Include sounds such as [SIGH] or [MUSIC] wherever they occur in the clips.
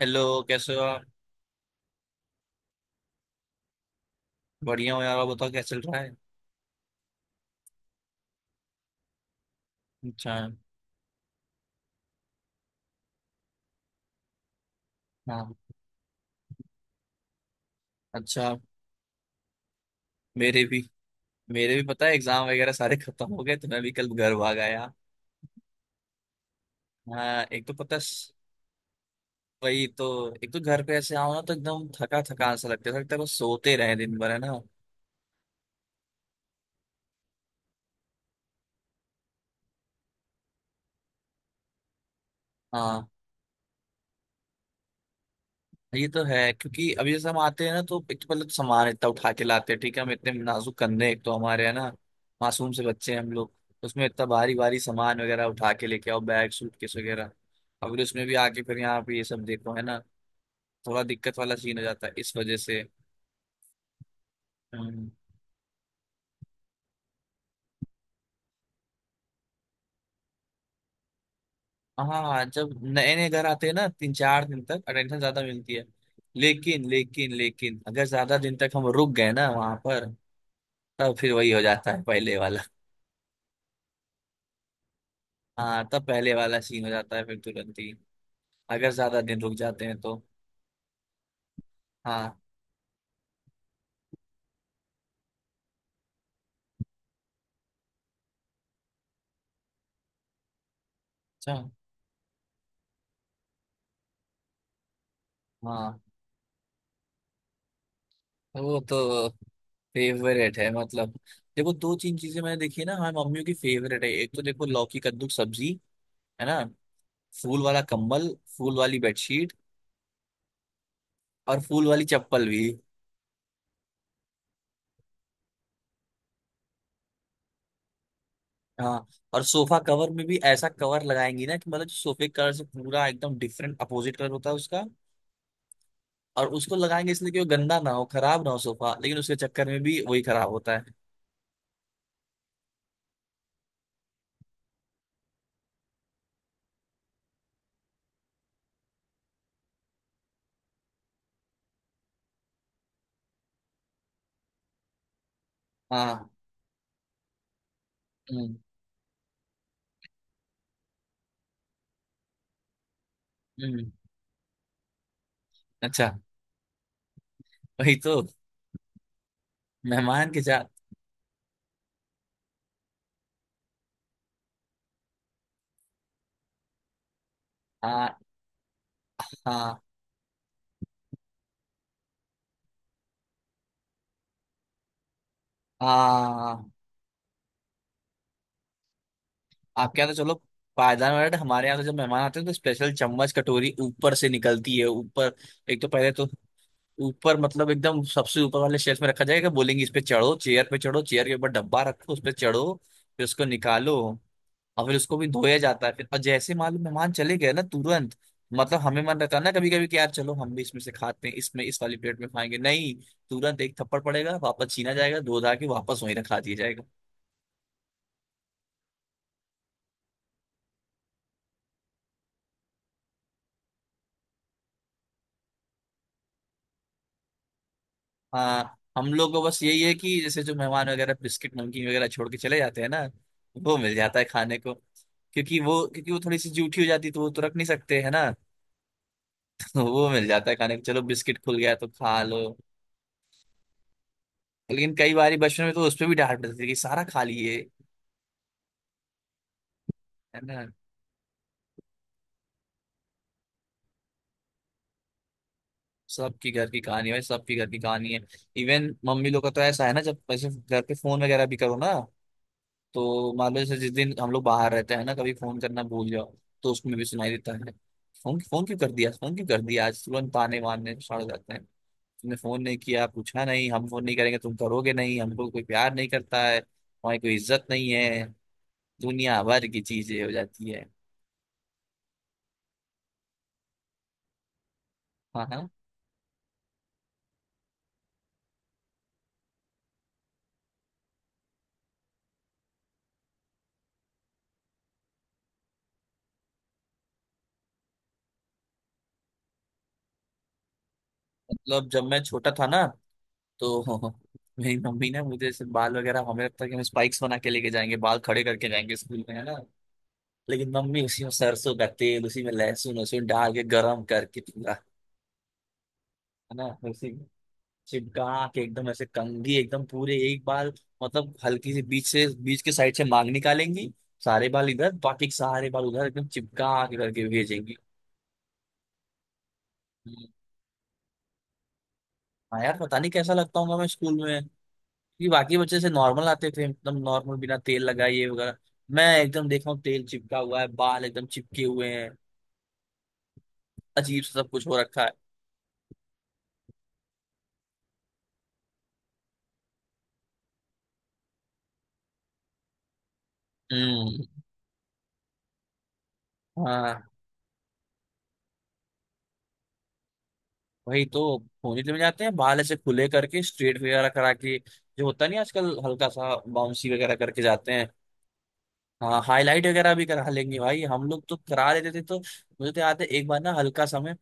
Hello, कैसे हो आप? बढ़िया हो यार। आप बताओ क्या चल रहा है? अच्छा। हाँ। अच्छा। मेरे भी मेरे भी पता है, एग्जाम वगैरह सारे खत्म हो गए तो मैं भी कल घर भाग आया। हाँ। एक तो पता स- वही तो। एक तो घर पे ऐसे आओ ना तो एकदम थका थका सा लगता है बस सोते रहे दिन भर, है ना। हाँ, ये तो है क्योंकि अभी जैसे हम आते हैं ना तो एक तो पहले तो सामान इतना उठा के लाते हैं। ठीक है, हम इतने नाजुक कंधे हैं, एक तो हमारे, है ना। मासूम से बच्चे हैं हम लोग, तो उसमें इतना भारी भारी सामान वगैरह उठा के लेके आओ, बैग सूटकेस वगैरह। अब फिर उसमें भी आके फिर यहाँ पे ये सब देखो, है ना। थोड़ा दिक्कत वाला सीन हो जाता है इस वजह से। हम्म। हाँ, जब नए नए घर आते हैं ना, 3 4 दिन तक अटेंशन ज्यादा मिलती है। लेकिन लेकिन लेकिन अगर ज्यादा दिन तक हम रुक गए ना वहां पर, तब फिर वही हो जाता है पहले। हाँ, तब पहले वाला सीन हो जाता है फिर तुरंत ही। अगर ज्यादा दिन रुक जाते हैं तो। हाँ। अच्छा। हाँ, वो तो फेवरेट है मतलब। देखो, दो तीन चीजें मैंने देखी है ना, हमारी मम्मियों की फेवरेट है। एक तो देखो, लौकी कद्दू की सब्जी। है ना। फूल वाला कम्बल। फूल वाली बेडशीट। और फूल वाली चप्पल भी। हाँ, और सोफा कवर में भी ऐसा कवर लगाएंगी ना कि मतलब जो सोफे कलर से पूरा एकदम डिफरेंट अपोजिट कलर होता है उसका। और उसको लगाएंगे इसलिए कि वो गंदा ना हो, खराब ना हो सोफा, लेकिन उसके चक्कर में भी वही खराब होता है। हाँ। हम्म। हम्म। अच्छा। वही तो। मेहमान के साथ। हाँ, हाँ, हाँ। आपके यहाँ तो चलो। पायदान वगैरह, तो हमारे यहाँ तो जब मेहमान आते हैं तो स्पेशल चम्मच कटोरी ऊपर से निकलती है, ऊपर। एक तो पहले तो। ऊपर मतलब एकदम सबसे ऊपर वाले शेल्फ में रखा जाएगा, बोलेंगे इस पे चढ़ो, चेयर पे चढ़ो, चेयर के ऊपर डब्बा रखो, उस पे चढ़ो। फिर उसको निकालो। और फिर उसको भी धोया जाता है फिर, और जैसे मालूम मेहमान चले गए ना तुरंत। मतलब हमें मन रहता है ना कभी कभी कि यार चलो हम भी इसमें से खाते हैं, इसमें, इस वाली प्लेट में खाएंगे, नहीं। तुरंत एक थप्पड़ पड़ेगा, वापस छीना जाएगा, धो धा के वापस वहीं रखा दिया जाएगा। हाँ, हम लोग को बस यही है कि जैसे जो मेहमान वगैरह बिस्किट नमकीन वगैरह छोड़ के चले जाते हैं ना, वो मिल जाता है खाने को। क्योंकि वो थोड़ी सी जूठी हो जाती है, तो वो तो रख नहीं सकते, है ना। [LAUGHS] तो वो मिल जाता है खाने को, चलो बिस्किट खुल गया तो खा लो। लेकिन कई बार बचपन में तो उस पर भी डांट पड़ती थी कि सारा खा लिए। है ना। सबकी घर की कहानी है भाई, सबकी घर की कहानी है। इवन मम्मी लोग का तो ऐसा है ना, जब वैसे घर पे फोन वगैरह भी करो ना, तो मान लो जैसे जिस दिन हम लोग बाहर रहते हैं ना, कभी फोन करना भूल जाओ, तो उसमें भी सुनाई देता है। फोन, फोन क्यों कर दिया, फोन क्यों कर दिया आज, तुरंत ताने मारने सड़ जाते हैं। तुमने फोन नहीं किया, पूछा नहीं, हम फोन नहीं करेंगे, तुम करोगे नहीं, हमको कोई प्यार नहीं करता है, हमारी कोई इज्जत नहीं है। दुनिया भर की चीजें हो जाती है। हाँ, हाँ। मतलब जब मैं छोटा था ना तो, [LAUGHS] मेरी मम्मी ने मुझे ऐसे बाल वगैरह, हमें लगता है कि हम स्पाइक्स बना के लेके जाएंगे, बाल खड़े करके जाएंगे स्कूल में, है ना। लेकिन मम्मी उसी में सरसों का तेल, उसी में लहसुन वहसुन डाल के गरम करके पूरा, है ना, उसी में चिपका के एकदम ऐसे कंघी एकदम पूरे एक बाल, मतलब हल्की सी बीच से, बीच के साइड से मांग निकालेंगी। सारे बाल इधर, बाकी के सारे बाल उधर, एकदम चिपका के करके भेजेंगी। हाँ यार, पता नहीं कैसा लगता हूँ मैं स्कूल में। कि बाकी बच्चे से नॉर्मल आते थे, एकदम नॉर्मल बिना तेल लगाए ये वगैरह। मैं एकदम देखा हूँ, तेल चिपका हुआ है, बाल एकदम चिपके हुए हैं। अजीब सा सब कुछ हो रखा है। हम्म। हाँ, वही तो। पोनीटेल में जाते हैं, बाल ऐसे खुले करके, स्ट्रेट वगैरह करा के जो होता नहीं आजकल, हल्का सा बाउंसी वगैरह करके जाते हैं। हाँ, हाईलाइट वगैरह भी करा लेंगे भाई, हम लोग तो करा लेते थे। तो मुझे तो याद है, एक बार ना हल्का सा मैं,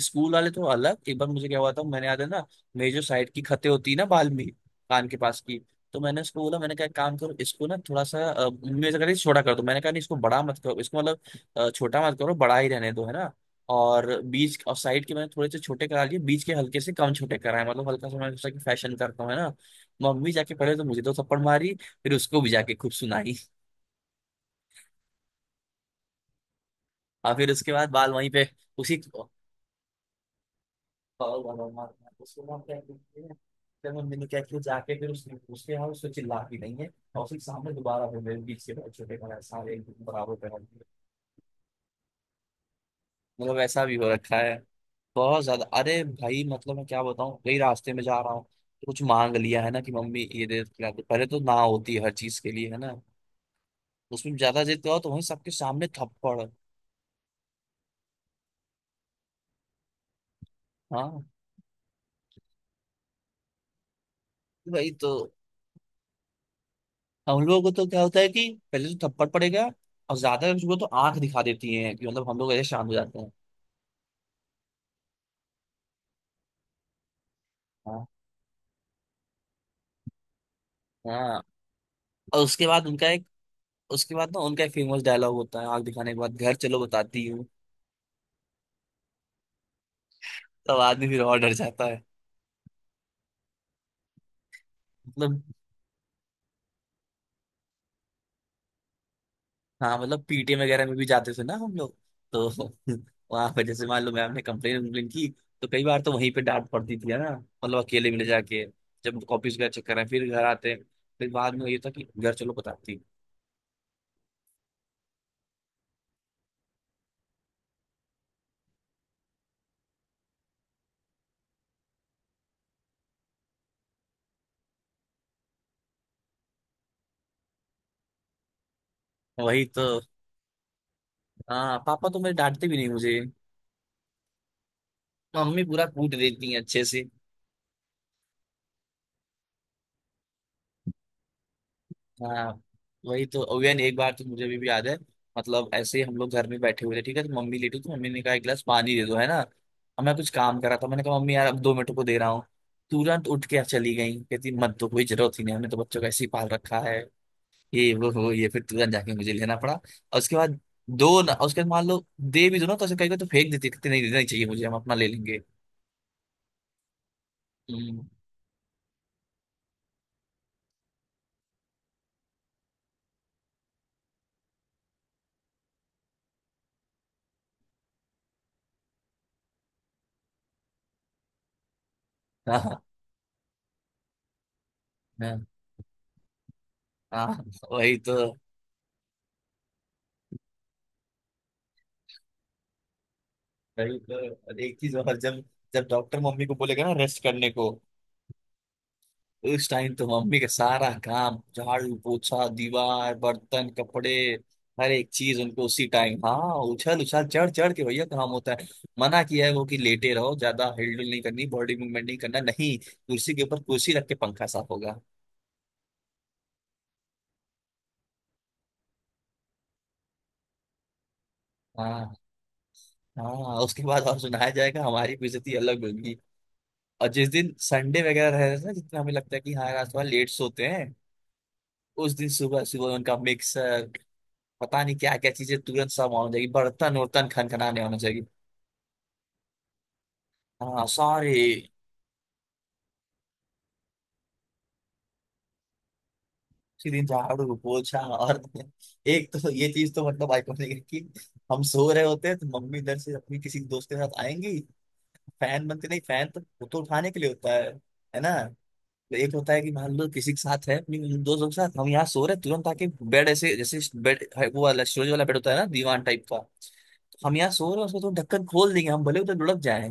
स्कूल वाले तो अलग। एक बार मुझे क्या हुआ था, मैंने याद है ना। मेरी जो साइड की खतें होती है ना बाल में, कान के पास की। तो मैंने उसको बोला, मैंने कहा एक काम करो इसको ना थोड़ा सा मम्मी ऐसा कर रही छोटा कर दो। मैंने कहा नहीं इसको बड़ा मत करो, इसको मतलब, छोटा मत करो, बड़ा ही रहने दो, है ना। और बीच और साइड के मैंने थोड़े से छोटे करा लिए, बीच के हल्के से कम छोटे कराए, मतलब हल्का सा मैंने सोचा कि फैशन करता हूँ, है ना। मम्मी जाके पहले तो मुझे दो थप्पड़ मारी। फिर उसको भी जाके खूब सुनाई। और फिर उसके बाद बाल वहीं पे, उसी और वाला, मार मार उसको, मार क्या करती है। फिर मम्मी ने क्या किया, जाके फिर उसने उसके यहाँ उसको चिल्लाती नहीं है। और उसके सामने दोबारा फिर मेरे बीच के भाई छोटे का सारे एक दूसरे बराबर पहन दिए। मतलब ऐसा भी हो रखा है। बहुत ज्यादा, अरे भाई मतलब मैं क्या बताऊँ, कई रास्ते में जा रहा हूँ तो कुछ मांग लिया है ना, कि मम्मी ये दे दो, खिला दो। पहले तो ना होती है हर चीज के लिए, है ना। उसमें ज्यादा जिद करो तो वहीं सबके सामने थप्पड़। हाँ भाई, तो हम लोगों को तो क्या होता है कि पहले तो थप्पड़ पड़ेगा। और ज्यादा कुछ हुआ तो आंख दिखा देती है, कि मतलब हम लोग ऐसे शांत हो जाते हैं। हाँ, हाँ। और उसके बाद उनका एक, उसके बाद ना उनका एक फेमस डायलॉग होता है, आग दिखाने के बाद, घर चलो बताती हूँ। तब आदमी फिर और डर जाता है। मतलब। हाँ, मतलब पीटीएम वगैरह में भी जाते थे ना हम लोग, तो [LAUGHS] वहां पर जैसे मान लो मैम ने कंप्लेन कंप्लेन की। तो कई बार तो वहीं पे डांट पड़ती थी, है ना। मतलब अकेले में ले जाके, जब कॉपीज वगैरह चेक कर रहे हैं, फिर घर आते हैं। फिर बाद में ये था कि घर चलो बताती हूँ। वही तो। हाँ, पापा तो मेरे डांटते भी नहीं मुझे। मम्मी पूरा कूट देती है अच्छे से। हाँ, वही तो। ओवेन एक बार तो मुझे अभी भी याद है। मतलब ऐसे ही हम लोग घर में बैठे हुए थे, ठीक है तो मम्मी लेटी, तो मम्मी ने कहा एक गिलास पानी दे दो, है ना। अब मैं कुछ काम कर रहा था, मैंने कहा मम्मी यार अब 2 मिनट को दे रहा हूँ। तुरंत उठ के चली गई, कहती मत दो, कोई जरूरत ही नहीं, हमने तो बच्चों को ऐसे ही पाल रखा है। ये वो हो ये, फिर तुरंत जाके मुझे लेना पड़ा, और उसके बाद, दो ना, और उसके बाद मान लो दे भी दो ना, तो ऐसे कहीं को तो फेंक देती, कहती नहीं देना ही चाहिए मुझे, हम अपना ले लेंगे। हम्म। हाँ, हाँ, हाँ, वही तो, वही तो। और एक चीज, और जब, जब डॉक्टर मम्मी को बोलेगा ना रेस्ट करने को, उस टाइम तो मम्मी का सारा काम, झाड़ू पोछा, दीवार, बर्तन, कपड़े, हर एक चीज उनको उसी टाइम, हाँ, उछल उछल चढ़ चढ़ के भैया काम होता है। मना किया है वो कि लेटे रहो, ज्यादा हिलडुल नहीं करनी, बॉडी मूवमेंट नहीं करना, नहीं कुर्सी के ऊपर कुर्सी रख के पंखा साफ होगा। हाँ, हाँ, उसके बाद और सुनाया जाएगा, हमारी बेइज्जती अलग होगी। और जिस दिन संडे वगैरह रह रहा है ना, जितना हमें लगता है कि हाँ रात भर लेट सोते हैं, उस दिन सुबह सुबह उनका मिक्सर, पता नहीं क्या क्या चीजें, तुरंत सब होना चाहिए, बर्तन उर्तन खनखनाने होना चाहिए। हाँ सारे उसी दिन झाड़ू पोछा और [LAUGHS] एक तो ये चीज तो मतलब आइकॉनिक है कि, हम सो रहे होते हैं तो मम्मी इधर से अपनी किसी दोस्त के साथ आएंगी। फैन बनते नहीं, फैन तो वो तो उठाने के लिए होता है। है ना। तो एक होता है कि मान लो किसी के साथ है अपनी दोस्तों के साथ, हम यहाँ सो रहे हैं, तुरंत आके बेड, ऐसे जैसे बेड, वो वाला स्टोरेज वाला बेड होता है ना, दीवान टाइप का। हम यहाँ सो रहे हैं, उसको तो ढक्कन खोल देंगे, हम भले उधर लुढ़क जाए।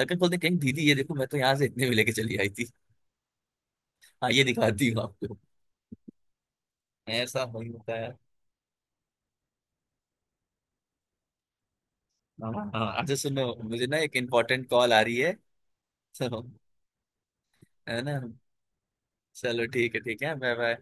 नकल खोलने कहीं, दीदी ये देखो मैं तो यहाँ से इतने में लेके चली आई थी। हाँ, ये दिखाती हूँ आपको। ऐसा नहीं होता है। हाँ हाँ, अच्छा सुनो, मुझे ना एक इम्पोर्टेंट कॉल आ रही है। तो, है ना। चलो ठीक है, ठीक है, बाय बाय।